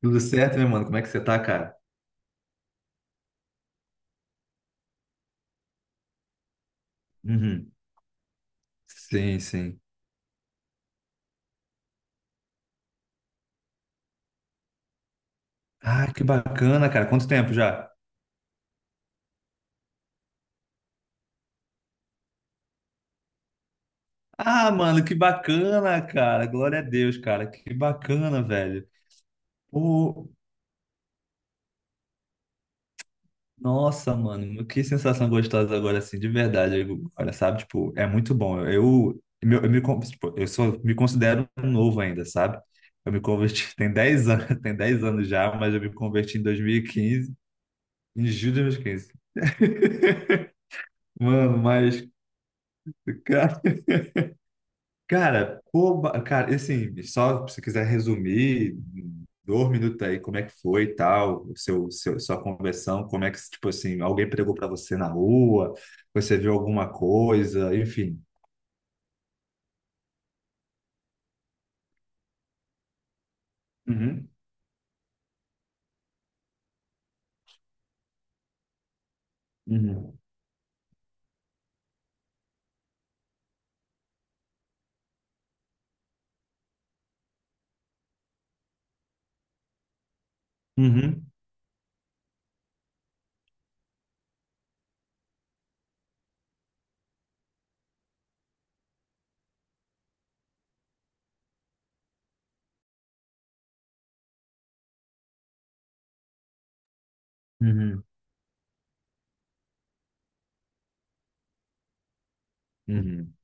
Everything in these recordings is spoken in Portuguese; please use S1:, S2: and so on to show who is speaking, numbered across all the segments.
S1: Tudo certo, meu mano? Como é que você tá, cara? Uhum. Sim, sim. Ah, que bacana, cara. Quanto tempo já? Ah, mano, que bacana, cara. Glória a Deus, cara. Que bacana, velho. Pô, nossa, mano. Que sensação gostosa agora, assim, de verdade. Agora, sabe? Tipo, é muito bom. Eu tipo, me considero novo ainda, sabe? Eu me converti tem 10 anos, tem 10 anos já, mas eu me converti em 2015 em julho de 2015. Mano, mas, cara. Cara, pô, cara, assim, só se quiser resumir, dois minutos aí, como é que foi e tal, o sua conversão, como é que, tipo assim, alguém pregou pra você na rua, você viu alguma coisa, enfim. Uhum, uhum, uhum, uhum, uhum.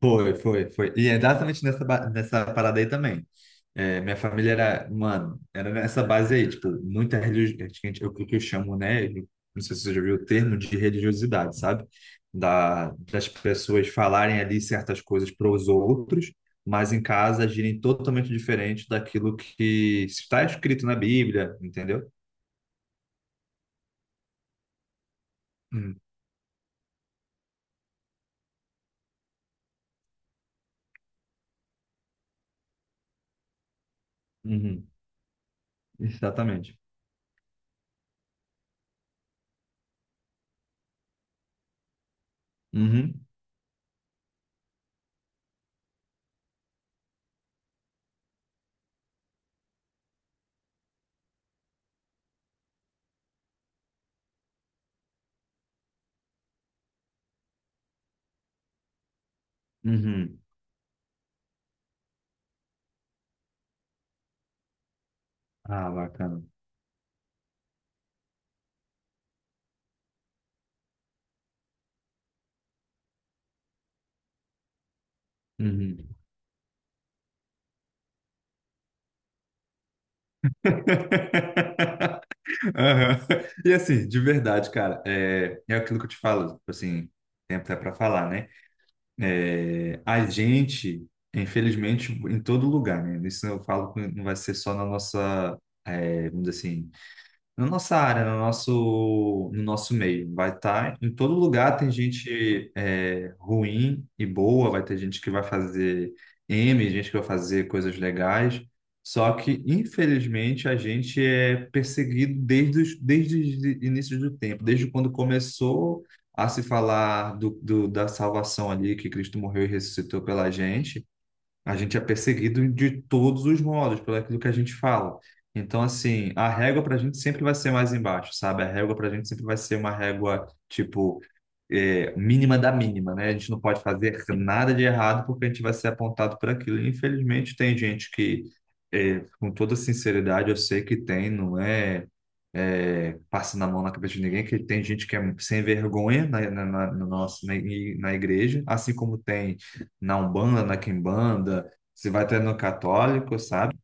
S1: Foi, foi, foi. E é exatamente nessa, nessa parada aí também. É, minha família era, mano, era nessa base aí, tipo, muita religiosidade, é o que que eu chamo, né? Não sei se você já viu o termo de religiosidade, sabe? Das pessoas falarem ali certas coisas para os outros, mas em casa agirem totalmente diferente daquilo que está escrito na Bíblia, entendeu? Hum, uhum, exatamente. Uhum, uhum. Ah, bacana. Uhum. Aham. E assim, de verdade, cara, é aquilo que eu te falo, tipo assim, tem até para falar, né? É, a gente, infelizmente, em todo lugar, né? Isso eu falo que não vai ser só na nossa, vamos dizer assim, na nossa área, no nosso meio. Vai estar em todo lugar, tem gente ruim e boa, vai ter gente que vai fazer gente que vai fazer coisas legais. Só que, infelizmente, a gente é perseguido desde os inícios do tempo, desde quando começou a se falar da salvação ali, que Cristo morreu e ressuscitou pela gente. A gente é perseguido de todos os modos, pelo aquilo que a gente fala. Então, assim, a régua para a gente sempre vai ser mais embaixo, sabe? A régua para a gente sempre vai ser uma régua, tipo, mínima da mínima, né? A gente não pode fazer nada de errado porque a gente vai ser apontado por aquilo. E, infelizmente, tem gente que, com toda sinceridade, eu sei que tem, não é? Passando a mão na cabeça de ninguém, que tem gente que é sem vergonha na, na, na, no nosso- na, i- na igreja, assim como tem na Umbanda, na Quimbanda, você vai até no católico, sabe?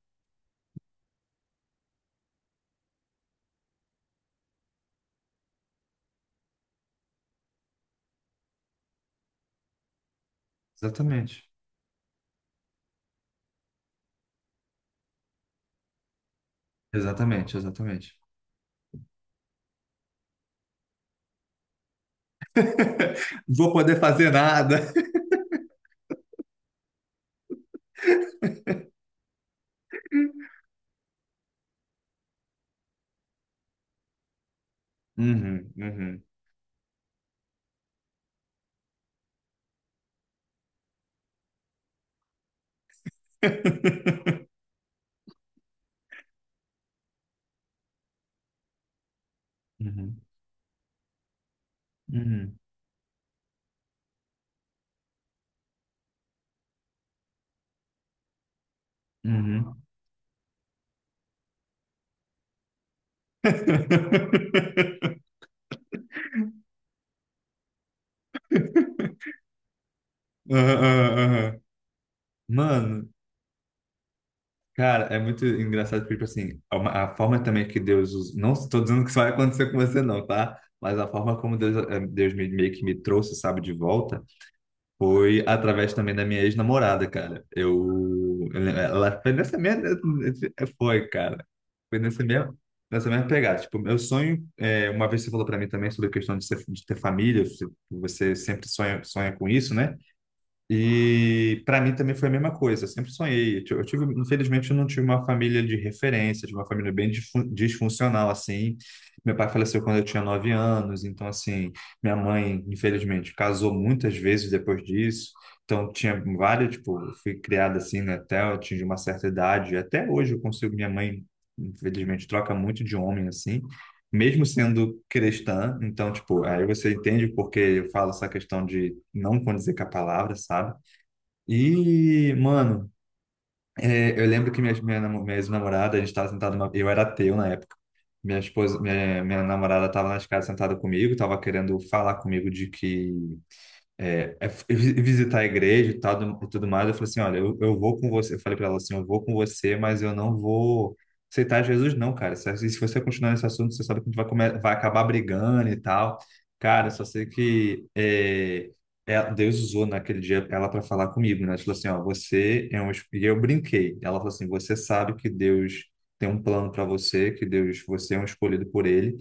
S1: Exatamente, exatamente, exatamente. Vou poder fazer nada. Uhum, uhum, uhum, uhum, uhum. Aham, aham, aham. Mano, cara, é muito engraçado, porque, tipo assim, a forma também que Deus usa, não estou dizendo que isso vai acontecer com você, não, tá? Mas a forma como Deus me, meio que me trouxe, sabe, de volta, foi através também da minha ex-namorada, cara. Ela foi nessa mesma, foi, cara, foi nessa mesma pegada. Tipo, meu sonho, uma vez você falou para mim também sobre a questão de ter família, você sempre sonha, sonha com isso, né? E para mim também foi a mesma coisa. Eu sempre sonhei. Eu tive, infelizmente, eu não tive uma família de referência, de uma família bem disfuncional assim. Meu pai faleceu quando eu tinha 9 anos, então assim, minha mãe, infelizmente, casou muitas vezes depois disso. Então tinha várias, tipo, eu fui criada assim, né, até eu atingir uma certa idade. E até hoje eu consigo, minha mãe, infelizmente, troca muito de homem assim, mesmo sendo cristã. Então, tipo, aí você entende porque eu falo essa questão de não condizer com a palavra, sabe? E, mano, eu lembro que minha ex-namorada, a gente tava sentado, eu era ateu na época. Minha namorada tava na escada sentada comigo, tava querendo falar comigo de que visitar a igreja e tal, e tudo mais. Eu falei assim, olha, eu vou com você. Eu falei para ela assim, eu vou com você, mas eu não vou aceitar Jesus não, cara. Se você continuar nesse assunto, você sabe que a gente vai acabar brigando e tal. Cara, só sei que Deus usou naquele dia ela para falar comigo, né? Ela falou assim, ó, você é um... es- E eu brinquei. Ela falou assim, você sabe que Deus tem um plano para você, você é um escolhido por ele.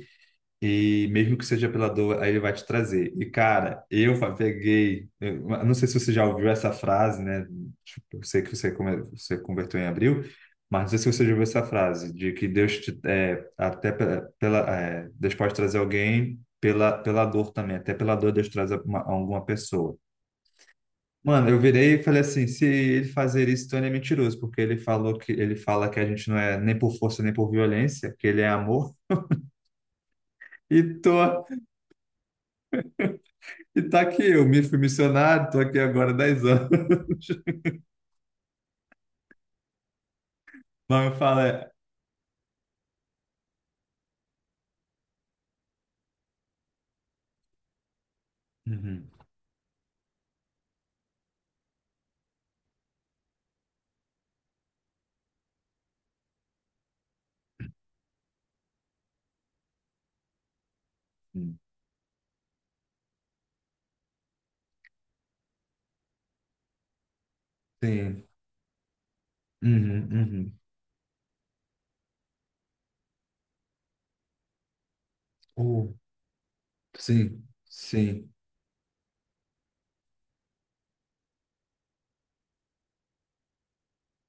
S1: E mesmo que seja pela dor, aí ele vai te trazer. E, cara, eu peguei. Eu não sei se você já ouviu essa frase, né? Tipo, eu sei que você converteu em abril, mas não sei se você já ouviu essa frase, de que Deus te. É, até pela, Deus pode trazer alguém pela dor também. Até pela dor, Deus traz alguma pessoa. Mano, eu virei e falei assim: se ele fazer isso, então ele é mentiroso, porque ele falou que ele fala que a gente não é nem por força nem por violência, que ele é amor. E tô E tá aqui, eu me fui missionário, tô aqui agora há 10 anos. Mas eu falo, é. Uhum, uhum, sim. Uhum, uhum. Oh, sim, sim,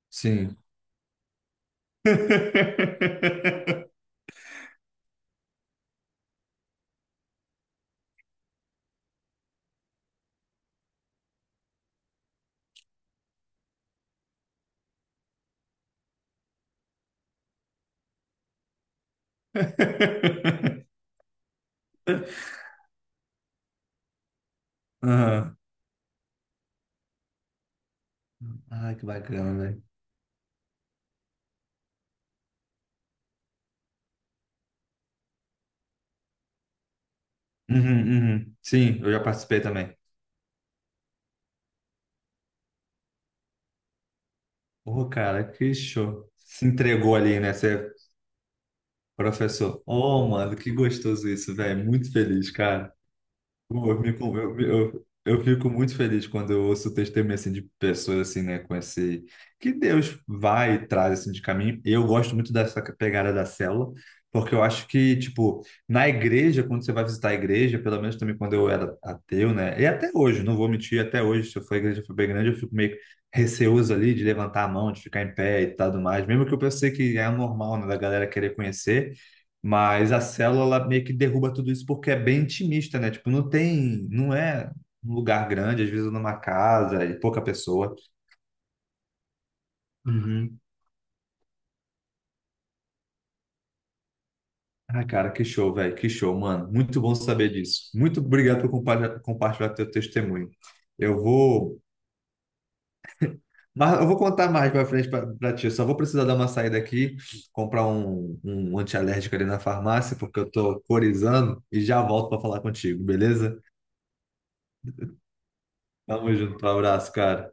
S1: sim. Aham. Ai, que bacana, velho. Uhum, uhum. Sim, eu já participei também. Ô, cara, que show. Se entregou ali, né? Ser professor. Ô, mano, que gostoso isso, velho. Muito feliz, cara. Pô, eu fico muito feliz quando eu ouço o testemunho assim, de pessoas assim, né, com esse que Deus vai e traz assim, de caminho. Eu gosto muito dessa pegada da célula, porque eu acho que, tipo, na igreja, quando você vai visitar a igreja, pelo menos também quando eu era ateu, né, e até hoje, não vou mentir, até hoje, se eu for à igreja for bem grande, eu fico meio receoso ali de levantar a mão, de ficar em pé e tal do mais, mesmo que eu pensei que é normal, né, da galera querer conhecer. Mas a célula ela meio que derruba tudo isso porque é bem intimista, né? Tipo, não tem, não é um lugar grande, às vezes numa casa e pouca pessoa. Uhum. Ah, cara, que show, velho, que show, mano. Muito bom saber disso. Muito obrigado por compartilhar teu testemunho. Eu vou, mas eu vou contar mais pra frente pra pra ti. Eu só vou precisar dar uma saída aqui, comprar um antialérgico ali na farmácia, porque eu tô corizando e já volto pra falar contigo, beleza? Tamo junto, um abraço, cara.